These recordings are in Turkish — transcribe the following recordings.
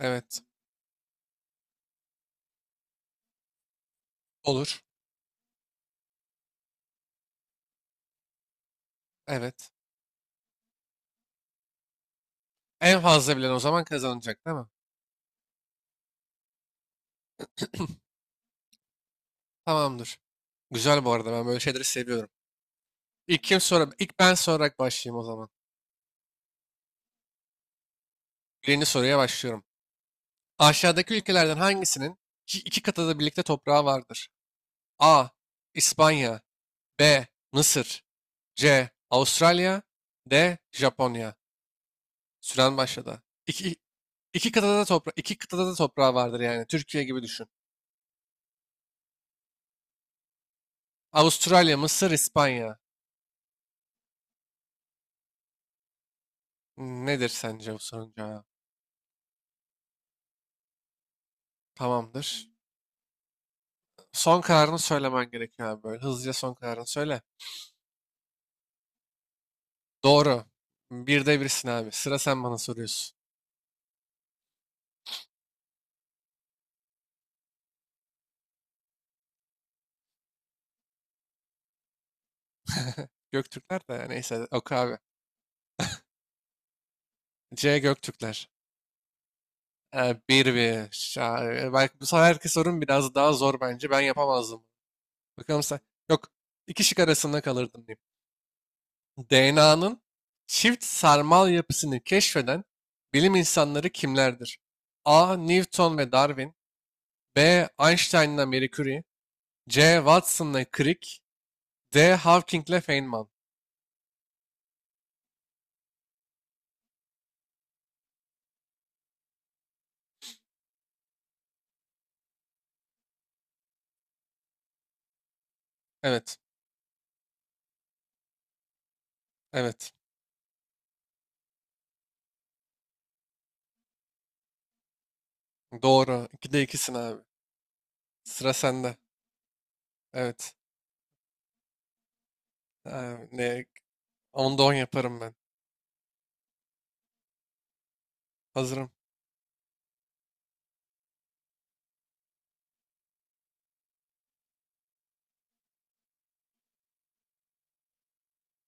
Evet. Olur. Evet. En fazla bilen o zaman kazanacak değil mi? Tamamdır. Güzel bu arada ben böyle şeyleri seviyorum. İlk kim sonra ilk ben sorarak başlayayım o zaman. Birinci soruya başlıyorum. Aşağıdaki ülkelerden hangisinin iki kıtada da birlikte toprağı vardır? A. İspanya. B. Mısır. C. Avustralya. D. Japonya. Süren başladı. İki kıtada da toprağı vardır yani. Türkiye gibi düşün. Avustralya, Mısır, İspanya. Nedir sence bu sorunun cevabı? Tamamdır. Son kararını söylemen gerekiyor abi böyle. Hızlıca son kararını söyle. Doğru. Bir de birsin abi. Sıra sen bana soruyorsun. Göktürkler de neyse ok abi. C Göktürkler. Bir bir. Ya, belki bu sefer herkes sorun biraz daha zor bence. Ben yapamazdım. Bakalım sen. Yok. İki şık arasında kalırdım diyeyim. DNA'nın çift sarmal yapısını keşfeden bilim insanları kimlerdir? A. Newton ve Darwin. B. Einstein'la Marie Curie. C. Watson'la Crick. D. Hawking'le Feynman. Evet. Evet. Doğru. İkide ikisin abi. Sıra sende. Evet. Abi, ne? Onda on yaparım ben. Hazırım.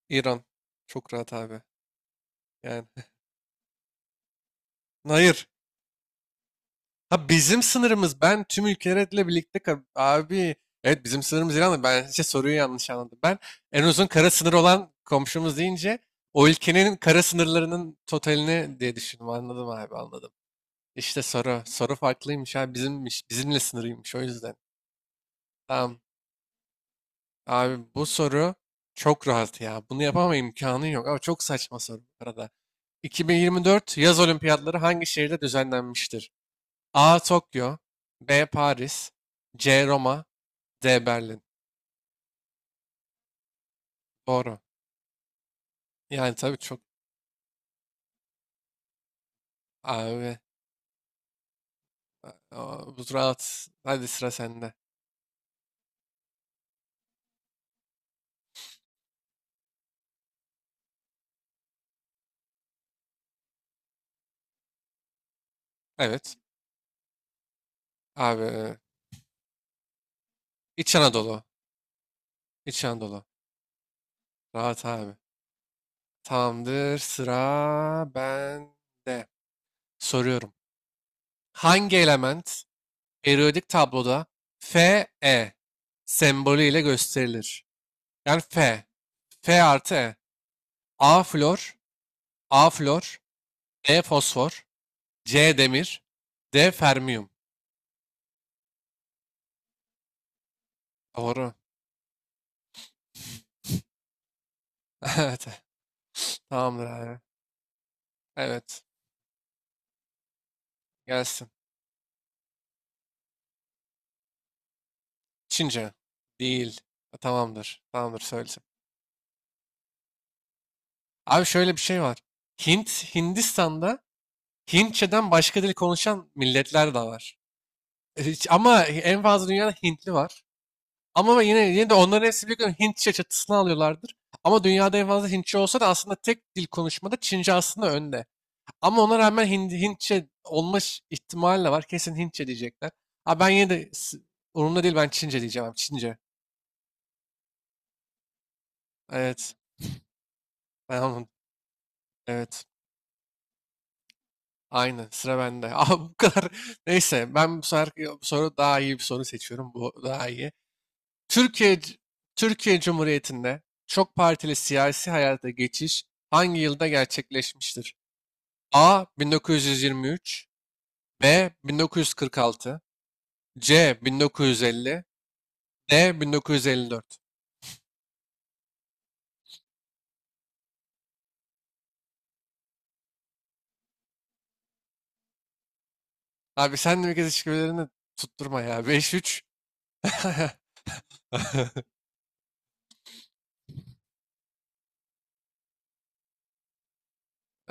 İran. Çok rahat abi. Yani. Hayır. Ha bizim sınırımız. Ben tüm ülkelerle birlikte abi. Evet bizim sınırımız İran'da. Ben işte soruyu yanlış anladım. Ben en uzun kara sınır olan komşumuz deyince o ülkenin kara sınırlarının totalini diye düşündüm. Anladım abi anladım. İşte soru. Soru farklıymış abi. Bizimmiş. Bizimle sınırıymış o yüzden. Tamam. Abi bu soru çok rahat ya. Bunu yapama imkanın yok. Ama çok saçma soru bu arada. 2024 yaz olimpiyatları hangi şehirde düzenlenmiştir? A. Tokyo. B. Paris. C. Roma. D. Berlin. Doğru. Yani tabii çok abi, aa, bu rahat. Hadi sıra sende. Evet. Abi İç Anadolu. İç Anadolu. Rahat abi. Tamamdır. Sıra bende. Soruyorum. Hangi element periyodik tabloda Fe sembolü ile gösterilir? Yani Fe. Fe artı E. A flor, A flor, E fosfor, C demir, D fermiyum. Doğru. Evet. Tamamdır abi. Evet. Gelsin. Çince. Değil. Tamamdır. Tamamdır söyleyeceğim. Abi şöyle bir şey var. Hint, Hindistan'da Hintçeden başka dil konuşan milletler de var. Ama en fazla dünyada Hintli var. Ama ben yine de onların hepsi biliyorum Hintçe çatısını alıyorlardır. Ama dünyada en fazla Hintçe olsa da aslında tek dil konuşmada Çince aslında önde. Ama ona rağmen Hintçe olma ihtimali de var. Kesin Hintçe diyecekler. Abi ben yine de umurumda değil ben Çince diyeceğim abi. Çince. Evet. Ben onu, evet. Aynı. Sıra bende. Abi bu kadar. Neyse ben bu sefer bu soru daha iyi bir soru seçiyorum. Bu daha iyi. Türkiye Türkiye Cumhuriyeti'nde çok partili siyasi hayata geçiş hangi yılda gerçekleşmiştir? A 1923, B 1946, C 1950, D 1954. Abi sen de bir kez işbirlerini tutturma ya. 5-3.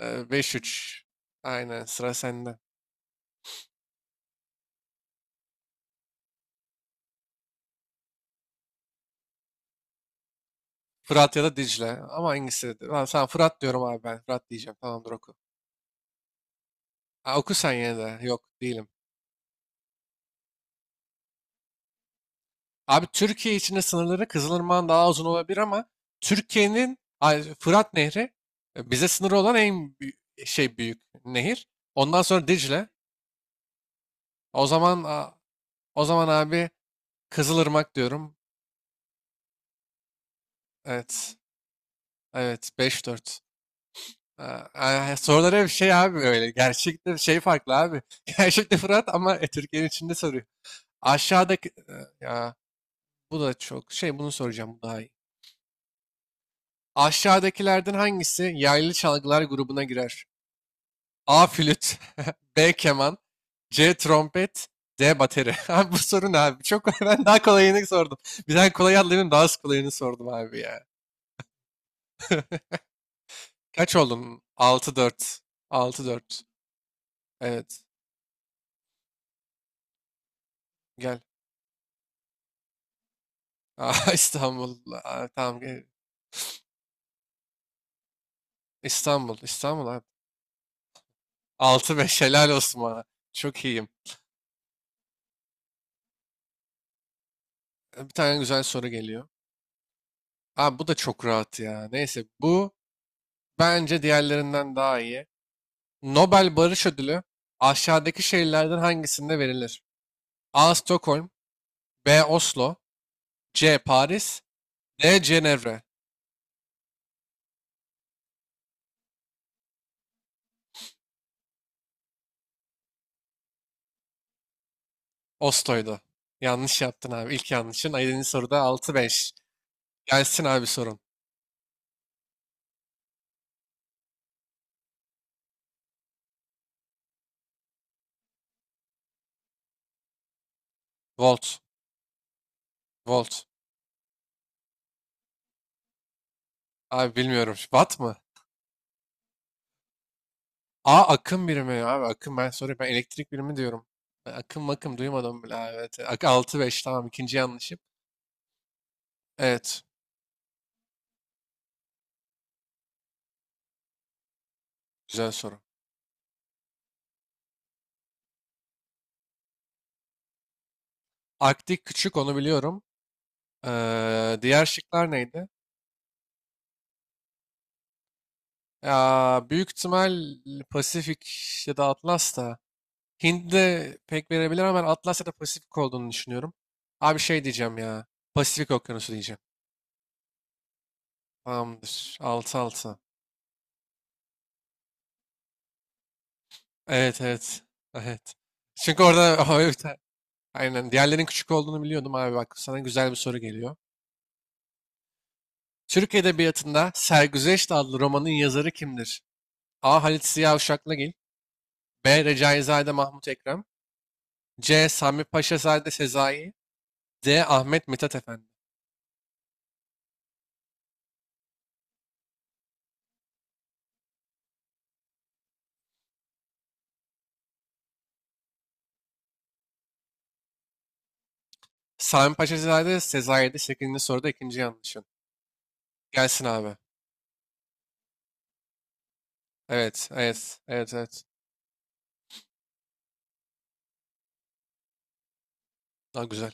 5-3. Aynen sıra sende. Fırat ya da Dicle. Ama hangisi? Ha, sen Fırat diyorum abi ben. Fırat diyeceğim. Tamamdır oku. Ha, oku sen yine de. Yok değilim. Abi Türkiye içinde sınırları Kızılırmak'ın daha uzun olabilir ama Türkiye'nin Fırat Nehri bize sınırı olan en büyük, büyük nehir. Ondan sonra Dicle. O zaman a- o zaman abi Kızılırmak diyorum. Evet. Evet beş dört. Aa, ay, soruları bir şey abi öyle. Gerçekte farklı abi. Gerçekte Fırat ama Türkiye'nin içinde soruyor. Aşağıdaki e, Ya bu da çok bunu soracağım bu daha iyi. Aşağıdakilerden hangisi yaylı çalgılar grubuna girer? A. Flüt. B. Keman. C. Trompet. D. Bateri. Abi bu soru ne abi? Çok ben daha kolayını sordum. Bir tane kolay atlayayım daha az kolayını sordum abi ya. Kaç oldun? Altı dört. Altı dört. Evet. Gel. Aa, İstanbul. Aa, tamam gel. İstanbul. İstanbul abi. Altı 5. Helal olsun bana. Çok iyiyim. Bir tane güzel soru geliyor. Abi bu da çok rahat ya. Neyse bu bence diğerlerinden daha iyi. Nobel Barış Ödülü aşağıdaki şehirlerden hangisinde verilir? A. Stockholm. B. Oslo. C. Paris. D. Cenevre. Oslo'ydu. Yanlış yaptın abi. İlk yanlışın. Ayının soruda altı beş. Gelsin abi sorun. Volt. Volt. Abi bilmiyorum. Watt mı? A. Akım birimi ya abi. Akım ben soruyorum. Ben elektrik birimi diyorum. Ben akım makım duymadım bile, abi. Evet. 6-5 tamam. ikinci yanlışım. Evet. Güzel soru. Arktik küçük onu biliyorum. Diğer şıklar neydi? Ya büyük ihtimal Pasifik ya da Atlas da Hint de pek verebilir ama ben Atlas ya da Pasifik olduğunu düşünüyorum. Abi şey diyeceğim ya. Pasifik Okyanusu diyeceğim. Tamamdır. 6-6. Evet evet. Evet. Çünkü orada evet, aynen diğerlerinin küçük olduğunu biliyordum abi, bak sana güzel bir soru geliyor. Türk Edebiyatı'nda Sergüzeşt adlı romanın yazarı kimdir? A. Halit Ziya Uşaklıgil. B. Recaizade Mahmut Ekrem. C. Sami Paşazade Sezai. D. Ahmet Mithat Efendi. Sami Paşazade Sezai'de şeklinde soruda ikinci yanlışın. Gelsin abi. Evet, evet, evet, evet. Daha güzel.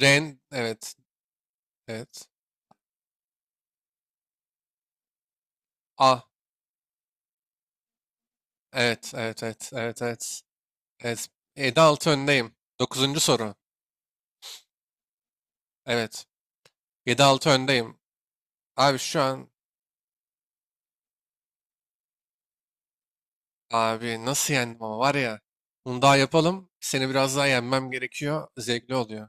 Ren, evet, evet. A, evet, evet, evet, evet, evet. Evet. 7-6 öndeyim. Dokuzuncu soru. Evet. Yedi altı öndeyim. Abi şu an, abi nasıl yendim ama var ya. Bunu daha yapalım. Seni biraz daha yenmem gerekiyor. Zevkli oluyor.